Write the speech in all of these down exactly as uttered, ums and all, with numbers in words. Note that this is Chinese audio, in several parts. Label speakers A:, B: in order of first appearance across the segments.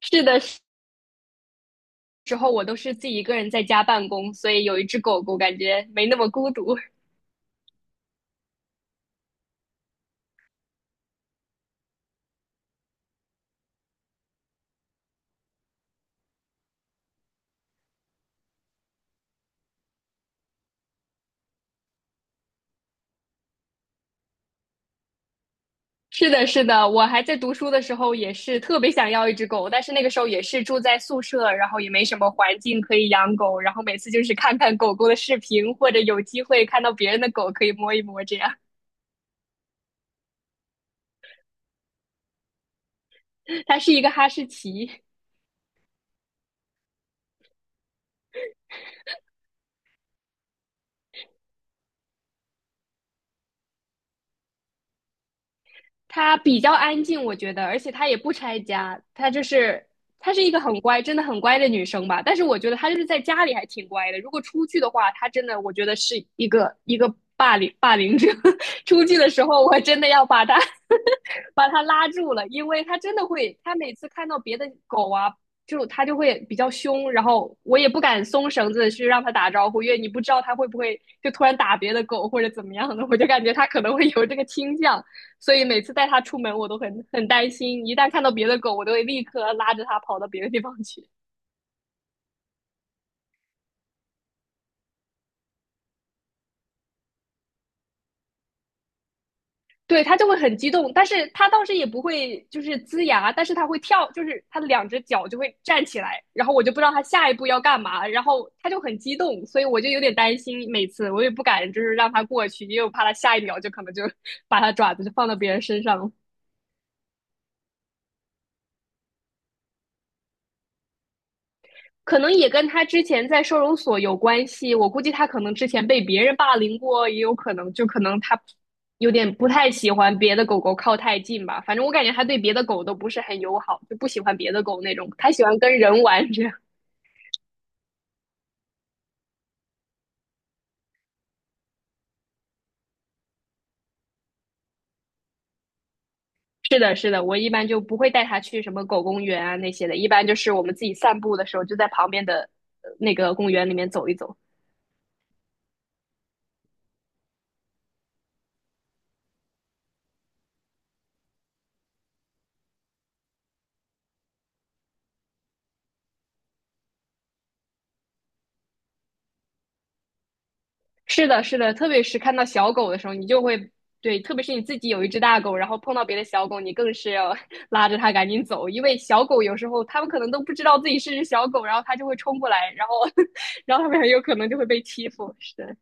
A: 是的时时候，我都是自己一个人在家办公，所以有一只狗狗，感觉没那么孤独。是的，是的，我还在读书的时候也是特别想要一只狗，但是那个时候也是住在宿舍，然后也没什么环境可以养狗，然后每次就是看看狗狗的视频，或者有机会看到别人的狗可以摸一摸，这样。它是一个哈士奇，它比较安静，我觉得，而且它也不拆家，它就是她是一个很乖，真的很乖的女生吧。但是我觉得她就是在家里还挺乖的，如果出去的话，她真的我觉得是一个一个霸凌霸凌者。出去的时候，我真的要把她 把她拉住了，因为她真的会，她每次看到别的狗啊。就它就会比较凶，然后我也不敢松绳子去让它打招呼，因为你不知道它会不会就突然打别的狗或者怎么样的，我就感觉它可能会有这个倾向。所以每次带它出门，我都很很担心，一旦看到别的狗，我都会立刻拉着它跑到别的地方去。对，它就会很激动，但是它倒是也不会就是龇牙，但是它会跳，就是它的两只脚就会站起来，然后我就不知道它下一步要干嘛，然后它就很激动，所以我就有点担心，每次我也不敢就是让它过去，因为我怕它下一秒就可能就 把它爪子就放到别人身上了。可能也跟他之前在收容所有关系。我估计他可能之前被别人霸凌过，也有可能，就可能他有点不太喜欢别的狗狗靠太近吧。反正我感觉他对别的狗都不是很友好，就不喜欢别的狗那种，他喜欢跟人玩这样。是的，是的，我一般就不会带它去什么狗公园啊那些的，一般就是我们自己散步的时候，就在旁边的呃那个公园里面走一走。是的，是的，特别是看到小狗的时候，你就会对，特别是你自己有一只大狗，然后碰到别的小狗，你更是要 拉着它赶紧走，因为小狗有时候它们可能都不知道自己是只小狗，然后它就会冲过来，然后 然后它们很有可能就会被欺负。是的，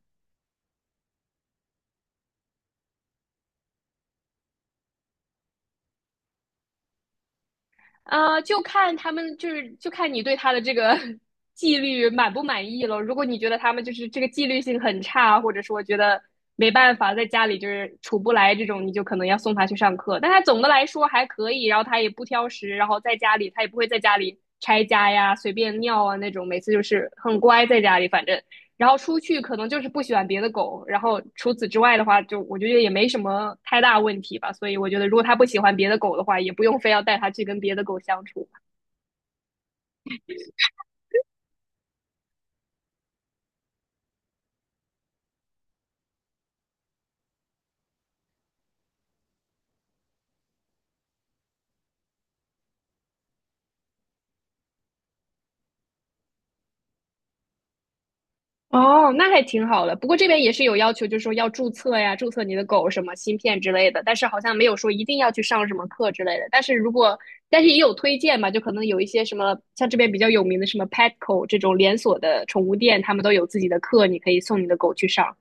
A: 啊，就看他们，就是就看你对他的这个 纪律满不满意了。如果你觉得他们就是这个纪律性很差，或者说觉得没办法在家里就是处不来这种，你就可能要送他去上课。但他总的来说还可以，然后他也不挑食，然后在家里他也不会在家里拆家呀、随便尿啊那种，每次就是很乖在家里，反正然后出去可能就是不喜欢别的狗，然后除此之外的话，就我觉得也没什么太大问题吧。所以我觉得，如果他不喜欢别的狗的话，也不用非要带它去跟别的狗相处。哦，那还挺好的。不过这边也是有要求，就是说要注册呀，注册你的狗什么芯片之类的，但是好像没有说一定要去上什么课之类的。但是如果，但是也有推荐嘛，就可能有一些什么像这边比较有名的什么 Petco 这种连锁的宠物店，他们都有自己的课，你可以送你的狗去上。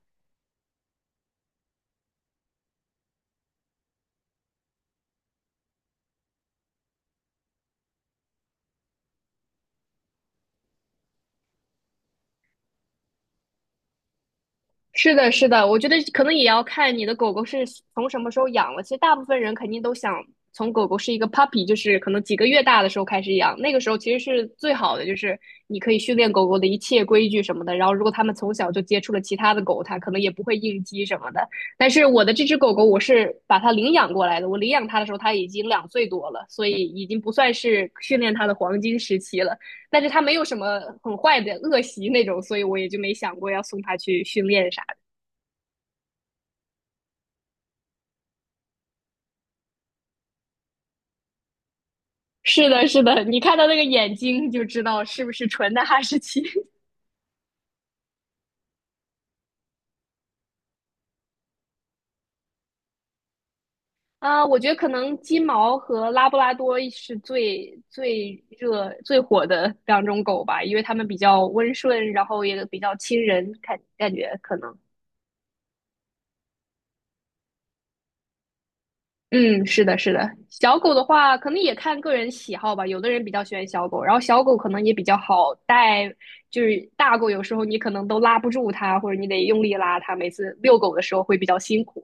A: 是的，是的，我觉得可能也要看你的狗狗是从什么时候养了。其实大部分人肯定都想从狗狗是一个 puppy，就是可能几个月大的时候开始养，那个时候其实是最好的，就是你可以训练狗狗的一切规矩什么的。然后，如果它们从小就接触了其他的狗，它可能也不会应激什么的。但是我的这只狗狗，我是把它领养过来的，我领养它的时候它已经两岁多了，所以已经不算是训练它的黄金时期了。但是它没有什么很坏的恶习那种，所以我也就没想过要送它去训练啥。是的，是的，你看到那个眼睛就知道是不是纯的哈士奇。啊，我觉得可能金毛和拉布拉多是最最热、最火的两种狗吧，因为它们比较温顺，然后也比较亲人，感感觉可能。嗯，是的，是的。小狗的话，可能也看个人喜好吧。有的人比较喜欢小狗，然后小狗可能也比较好带，就是大狗有时候你可能都拉不住它，或者你得用力拉它，每次遛狗的时候会比较辛苦。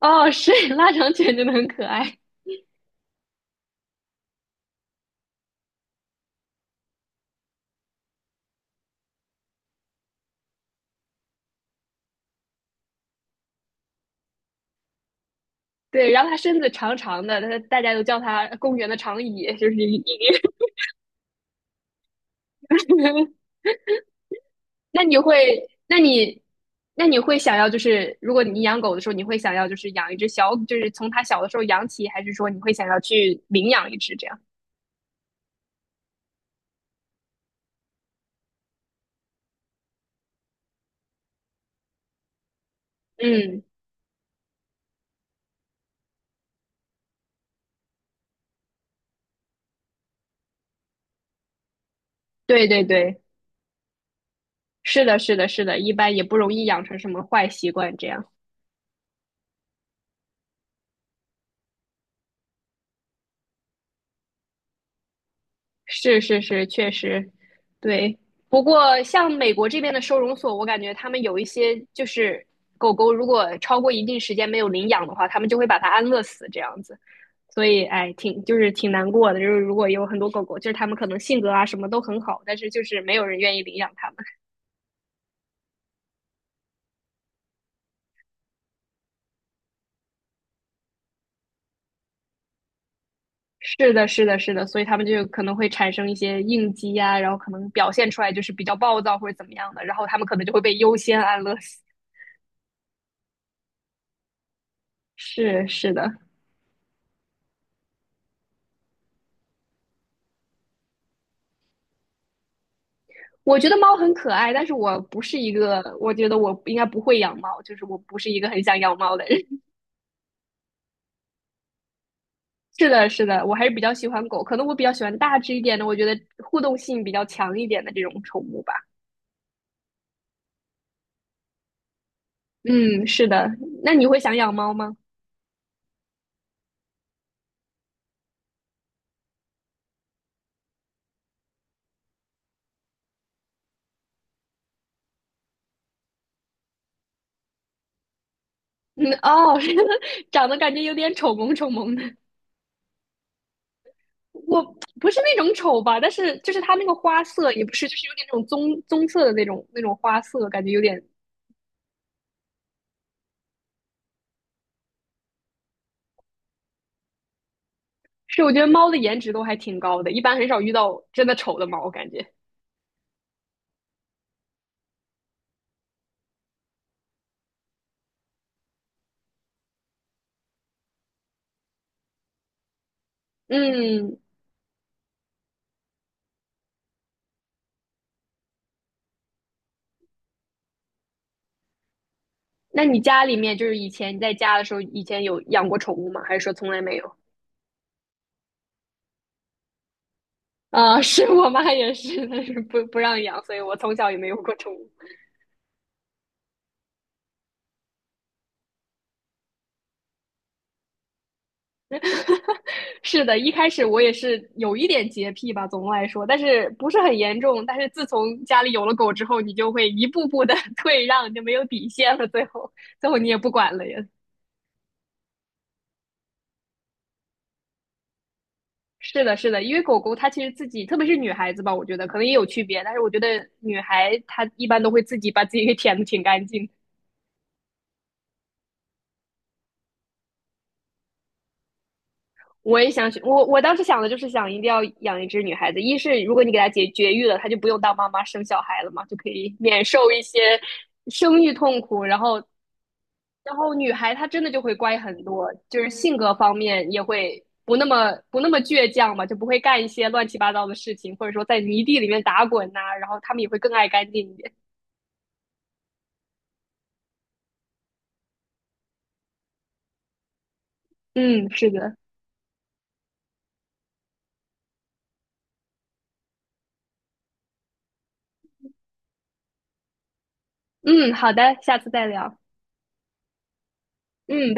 A: 哦，是腊肠犬真的很可爱。对，然后它身子长长的，它大家都叫它公园的长椅，就是一一。那你会，那你，那你会想要，就是如果你养狗的时候，你会想要就是养一只小，就是从它小的时候养起，还是说你会想要去领养一只这样？嗯，对对对，是的，是的，是的，一般也不容易养成什么坏习惯这样。是是是，确实，对。不过像美国这边的收容所，我感觉他们有一些就是狗狗如果超过一定时间没有领养的话，他们就会把它安乐死这样子。所以，哎，挺就是挺难过的。就是如果有很多狗狗，就是他们可能性格啊什么都很好，但是就是没有人愿意领养他们。是的，是的，是的，所以他们就可能会产生一些应激啊，然后可能表现出来就是比较暴躁或者怎么样的，然后他们可能就会被优先安乐死。是是的，我觉得猫很可爱，但是我不是一个，我觉得我应该不会养猫，就是我不是一个很想养猫的人。是的，是的，我还是比较喜欢狗，可能我比较喜欢大只一点的，我觉得互动性比较强一点的这种宠物吧。嗯，是的。那你会想养猫吗？嗯，哦，长得感觉有点丑萌丑萌的。我不是那种丑吧，但是就是它那个花色也不是，就是有点那种棕棕色的那种那种花色，感觉有点是。我觉得猫的颜值都还挺高的，一般很少遇到真的丑的猫，我感觉。嗯，那你家里面就是以前你在家的时候，以前有养过宠物吗？还是说从来没有？啊、是我妈也是，但是不不让养，所以我从小也没有过宠物。是的，一开始我也是有一点洁癖吧，总的来说，但是不是很严重。但是自从家里有了狗之后，你就会一步步的 退让，就没有底线了。最后，最后你也不管了呀。是的，是的，因为狗狗它其实自己，特别是女孩子吧，我觉得可能也有区别，但是我觉得女孩她一般都会自己把自己给舔的挺干净。我也想去，我我当时想的就是想一定要养一只女孩子，一是如果你给她绝绝育了，她就不用当妈妈生小孩了嘛，就可以 免受一些生育痛苦。然后，然后女孩她真的就会乖很多，就是性格方面也会不那么不那么倔强嘛，就不会干一些乱七八糟的事情，或者说在泥地里面打滚呐、然后她们也会更爱干净一点。嗯，是的，嗯，好的，下次再聊，嗯。